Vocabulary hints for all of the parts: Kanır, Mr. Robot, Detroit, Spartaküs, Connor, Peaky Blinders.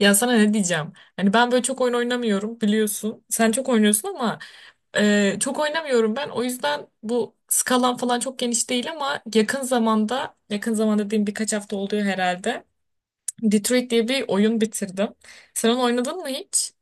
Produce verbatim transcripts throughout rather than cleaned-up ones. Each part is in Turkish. Ya sana ne diyeceğim? Hani ben böyle çok oyun oynamıyorum biliyorsun. Sen çok oynuyorsun ama e, çok oynamıyorum ben. O yüzden bu skalan falan çok geniş değil ama yakın zamanda, yakın zaman dediğim birkaç hafta oluyor herhalde. Detroit diye bir oyun bitirdim. Sen onu oynadın mı hiç?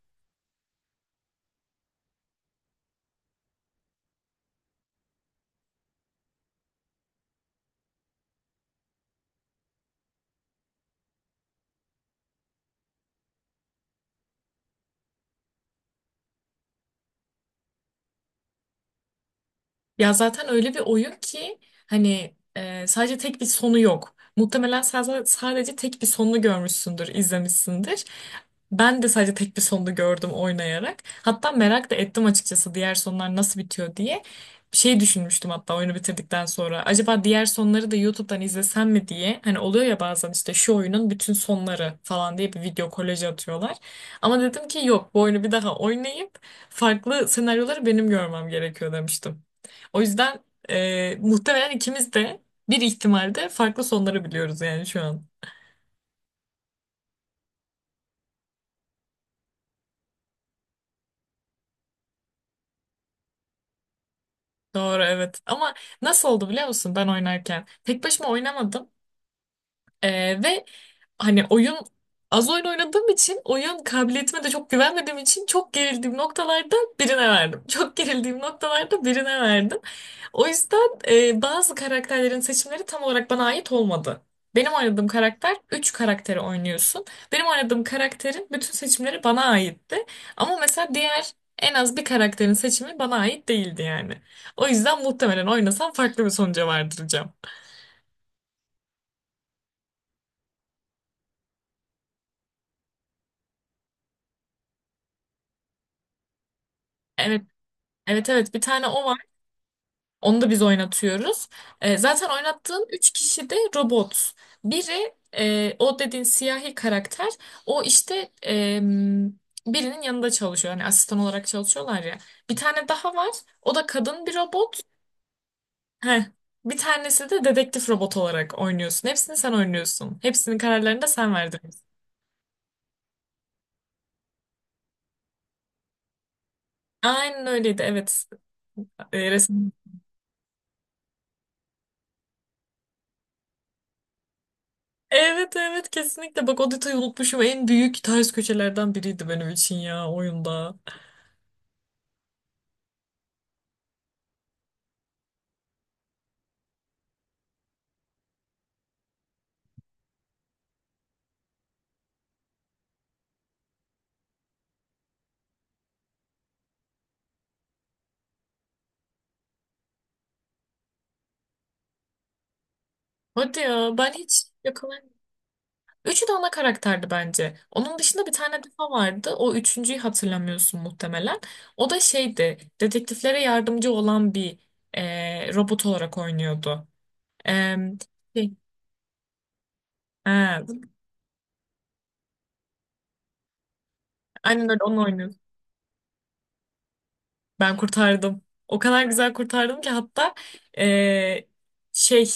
Ya zaten öyle bir oyun ki hani e, sadece tek bir sonu yok. Muhtemelen sen za- sadece tek bir sonunu görmüşsündür, izlemişsindir. Ben de sadece tek bir sonunu gördüm oynayarak. Hatta merak da ettim açıkçası diğer sonlar nasıl bitiyor diye. Şey düşünmüştüm hatta oyunu bitirdikten sonra. Acaba diğer sonları da YouTube'dan izlesem mi diye. Hani oluyor ya bazen işte şu oyunun bütün sonları falan diye bir video kolajı atıyorlar. Ama dedim ki yok, bu oyunu bir daha oynayıp farklı senaryoları benim görmem gerekiyor demiştim. O yüzden e, muhtemelen ikimiz de bir ihtimalde farklı sonları biliyoruz yani şu an. Doğru, evet. Ama nasıl oldu biliyor musun ben oynarken? Tek başıma oynamadım. Ee, ve hani oyun az oyun oynadığım için, oyun kabiliyetime de çok güvenmediğim için çok gerildiğim noktalarda birine verdim. Çok gerildiğim noktalarda birine verdim. O yüzden e, bazı karakterlerin seçimleri tam olarak bana ait olmadı. Benim oynadığım karakter Üç karakteri oynuyorsun. Benim oynadığım karakterin bütün seçimleri bana aitti. Ama mesela diğer en az bir karakterin seçimi bana ait değildi yani. O yüzden muhtemelen oynasam farklı bir sonuca vardıracağım. Evet, evet, evet. Bir tane o. Onu da biz oynatıyoruz. E, zaten oynattığın üç kişi de robot. Biri e, o dediğin siyahi karakter. O işte, e, m, birinin yanında çalışıyor. Hani asistan olarak çalışıyorlar ya. Bir tane daha var. O da kadın bir robot. Heh. Bir tanesi de dedektif robot olarak oynuyorsun. Hepsini sen oynuyorsun. Hepsinin kararlarını da sen verdiriyorsun. Aynen öyleydi. Evet. E, resim. Evet, evet, kesinlikle. Bak, o detayı unutmuşum. En büyük ters köşelerden biriydi benim için ya oyunda. Hadi ya, ben hiç yakalayamadım. Üçü de ana karakterdi bence. Onun dışında bir tane daha vardı. O üçüncüyü hatırlamıyorsun muhtemelen. O da şeydi. Dedektiflere yardımcı olan bir e, robot olarak oynuyordu. E, şey, ha, aynen öyle, onu oynuyordu. Ben kurtardım. O kadar güzel kurtardım ki, hatta eee, şey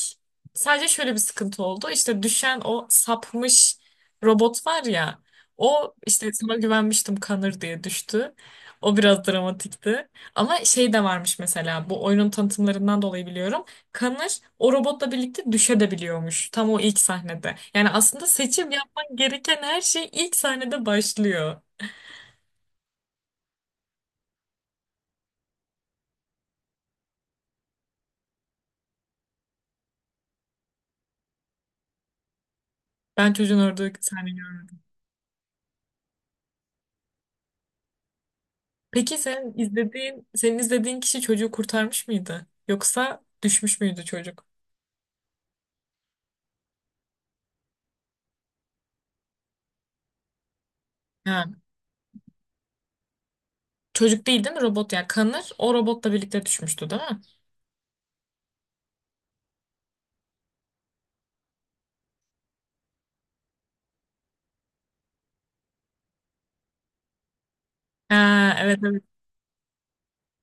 sadece şöyle bir sıkıntı oldu. İşte düşen o sapmış robot var ya. O işte sana güvenmiştim Kanır diye düştü. O biraz dramatikti. Ama şey de varmış, mesela bu oyunun tanıtımlarından dolayı biliyorum. Kanır o robotla birlikte düşebiliyormuş tam o ilk sahnede. Yani aslında seçim yapman gereken her şey ilk sahnede başlıyor. Ben çocuğun ördüğü sahneyi görmedim. Peki sen izlediğin, senin izlediğin kişi çocuğu kurtarmış mıydı? Yoksa düşmüş müydü çocuk? Ha. Çocuk değil değil mi? Robot ya. Kanır. O robotla birlikte düşmüştü değil mi? Ha, evet, evet.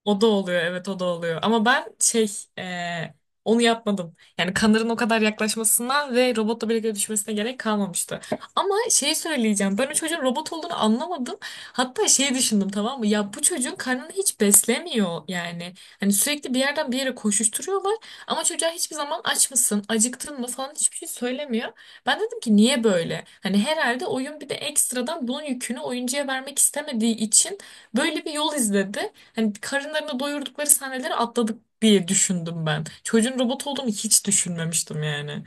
O da oluyor, evet, o da oluyor. Ama ben şey e, onu yapmadım. Yani Kanırın o kadar yaklaşmasına ve robotla birlikte düşmesine gerek kalmamıştı. Ama şeyi söyleyeceğim. Ben o çocuğun robot olduğunu anlamadım. Hatta şey düşündüm, tamam mı? Ya bu çocuğun karnını hiç beslemiyor yani. Hani sürekli bir yerden bir yere koşuşturuyorlar. Ama çocuğa hiçbir zaman aç mısın, acıktın mı falan hiçbir şey söylemiyor. Ben dedim ki niye böyle? Hani herhalde oyun bir de ekstradan bunun yükünü oyuncuya vermek istemediği için böyle bir yol izledi. Hani karınlarını doyurdukları sahneleri atladık diye düşündüm ben. Çocuğun robot olduğunu hiç düşünmemiştim yani.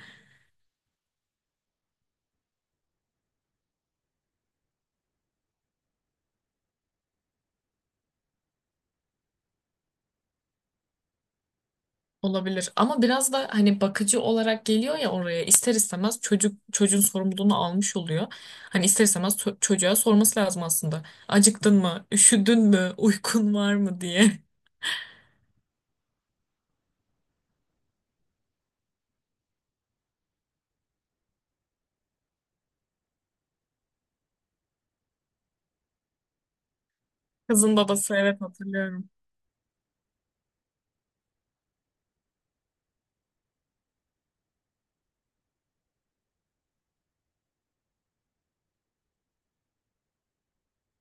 Olabilir ama biraz da hani bakıcı olarak geliyor ya oraya, ister istemez çocuk çocuğun sorumluluğunu almış oluyor. Hani ister istemez ço- çocuğa sorması lazım aslında. Acıktın mı? Üşüdün mü? Uykun var mı diye. Kızın babası, evet, hatırlıyorum.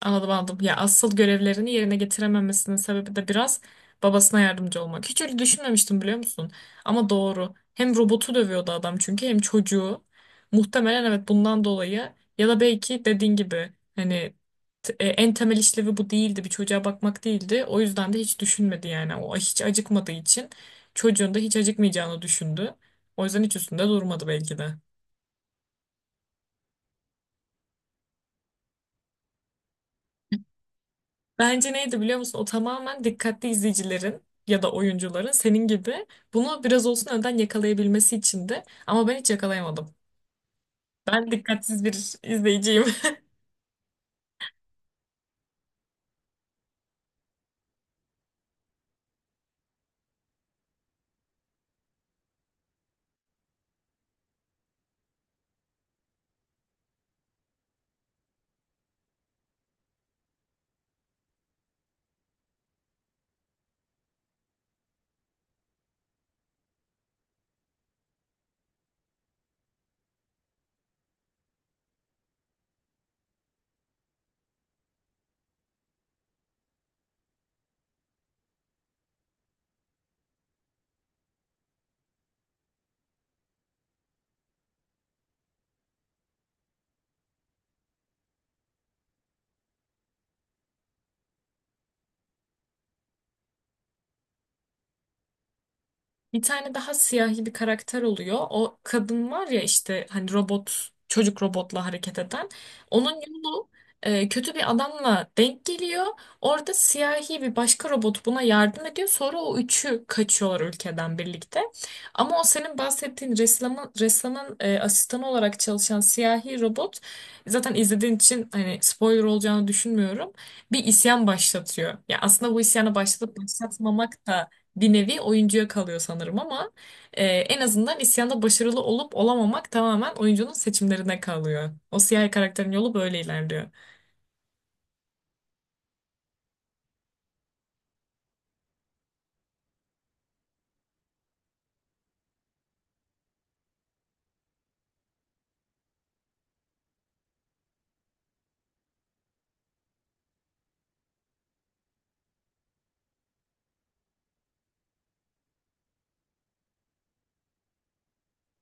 Anladım, anladım. Ya asıl görevlerini yerine getirememesinin sebebi de biraz babasına yardımcı olmak. Hiç öyle düşünmemiştim biliyor musun? Ama doğru. Hem robotu dövüyordu adam çünkü, hem çocuğu. Muhtemelen evet bundan dolayı ya da belki dediğin gibi hani t- e, en temel işlevi bu değildi. Bir çocuğa bakmak değildi. O yüzden de hiç düşünmedi yani. O hiç acıkmadığı için çocuğun da hiç acıkmayacağını düşündü. O yüzden hiç üstünde durmadı belki de. Bence neydi biliyor musun? O tamamen dikkatli izleyicilerin ya da oyuncuların senin gibi bunu biraz olsun önden yakalayabilmesi içindi. Ama ben hiç yakalayamadım. Ben dikkatsiz bir izleyiciyim. Bir tane daha siyahi bir karakter oluyor. O kadın var ya, işte hani robot çocuk, robotla hareket eden. Onun yolu e, kötü bir adamla denk geliyor. Orada siyahi bir başka robot buna yardım ediyor. Sonra o üçü kaçıyorlar ülkeden birlikte. Ama o senin bahsettiğin ressamın, ressamın e, asistanı olarak çalışan siyahi robot, zaten izlediğin için hani spoiler olacağını düşünmüyorum. Bir isyan başlatıyor. Ya aslında bu isyanı başlatıp başlatmamak da bir nevi oyuncuya kalıyor sanırım ama e, en azından isyanda başarılı olup olamamak tamamen oyuncunun seçimlerine kalıyor. O siyahi karakterin yolu böyle ilerliyor.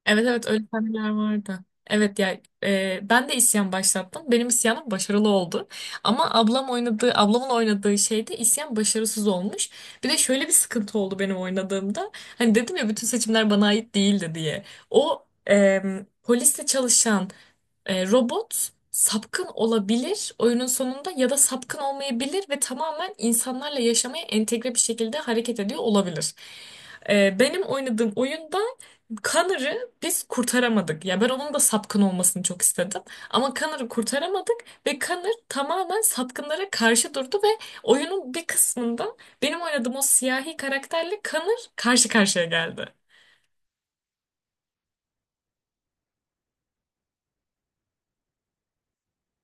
Evet, evet, öyle sahneler vardı. Evet ya, e, ben de isyan başlattım. Benim isyanım başarılı oldu. Ama ablam oynadığı, ablamın oynadığı şeyde isyan başarısız olmuş. Bir de şöyle bir sıkıntı oldu benim oynadığımda. Hani dedim ya bütün seçimler bana ait değildi diye. O e, polisle çalışan E, robot sapkın olabilir oyunun sonunda ya da sapkın olmayabilir ve tamamen insanlarla yaşamaya entegre bir şekilde hareket ediyor olabilir. E, benim oynadığım oyunda Connor'ı biz kurtaramadık. Ya ben onun da sapkın olmasını çok istedim. Ama Connor'ı kurtaramadık ve Connor tamamen sapkınlara karşı durdu ve oyunun bir kısmında benim oynadığım o siyahi karakterle Connor karşı karşıya geldi.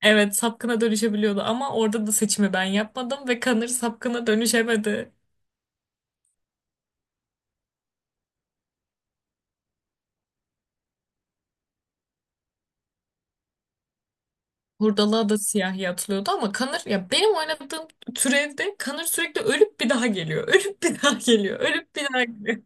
Evet, sapkına dönüşebiliyordu ama orada da seçimi ben yapmadım ve Kanır sapkına dönüşemedi. Hurdalığa da siyahi atılıyordu ama Kanır, ya benim oynadığım türevde Kanır sürekli ölüp bir daha geliyor. Ölüp bir daha geliyor. Ölüp bir daha geliyor.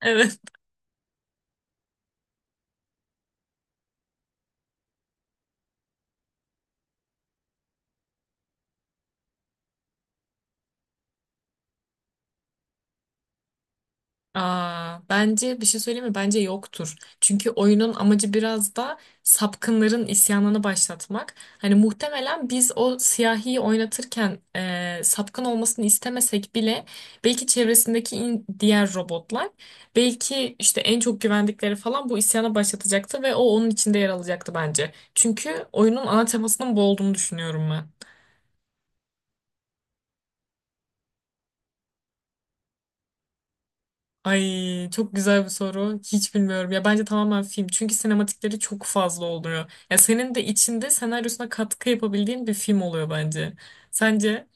Evet. Aa, bence bir şey söyleyeyim mi? Bence yoktur. Çünkü oyunun amacı biraz da sapkınların isyanını başlatmak. Hani muhtemelen biz o siyahiyi oynatırken e, sapkın olmasını istemesek bile belki çevresindeki in- diğer robotlar, belki işte en çok güvendikleri falan, bu isyana başlatacaktı ve o onun içinde yer alacaktı bence. Çünkü oyunun ana temasının bu olduğunu düşünüyorum ben. Ay, çok güzel bir soru. Hiç bilmiyorum. Ya bence tamamen film. Çünkü sinematikleri çok fazla oluyor. Ya senin de içinde senaryosuna katkı yapabildiğin bir film oluyor bence. Sence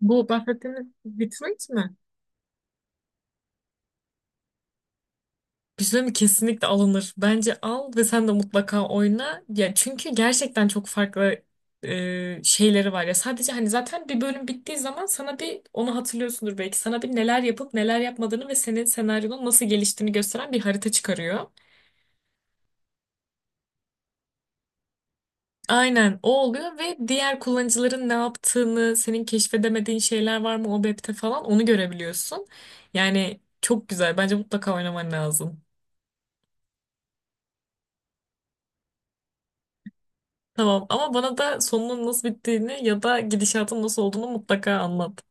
bu bahsettiğimiz Detroit mi? Bir şey söyleyeyim mi? Kesinlikle alınır. Bence al ve sen de mutlaka oyna. Ya çünkü gerçekten çok farklı e, şeyleri var. Ya sadece hani zaten bir bölüm bittiği zaman sana bir onu hatırlıyorsundur belki. Sana bir neler yapıp neler yapmadığını ve senin senaryonun nasıl geliştiğini gösteren bir harita çıkarıyor. Aynen, o oluyor ve diğer kullanıcıların ne yaptığını, senin keşfedemediğin şeyler var mı o map'te falan, onu görebiliyorsun. Yani çok güzel. Bence mutlaka oynaman lazım. Tamam ama bana da sonunun nasıl bittiğini ya da gidişatın nasıl olduğunu mutlaka anlat.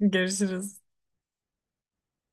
Görüşürüz.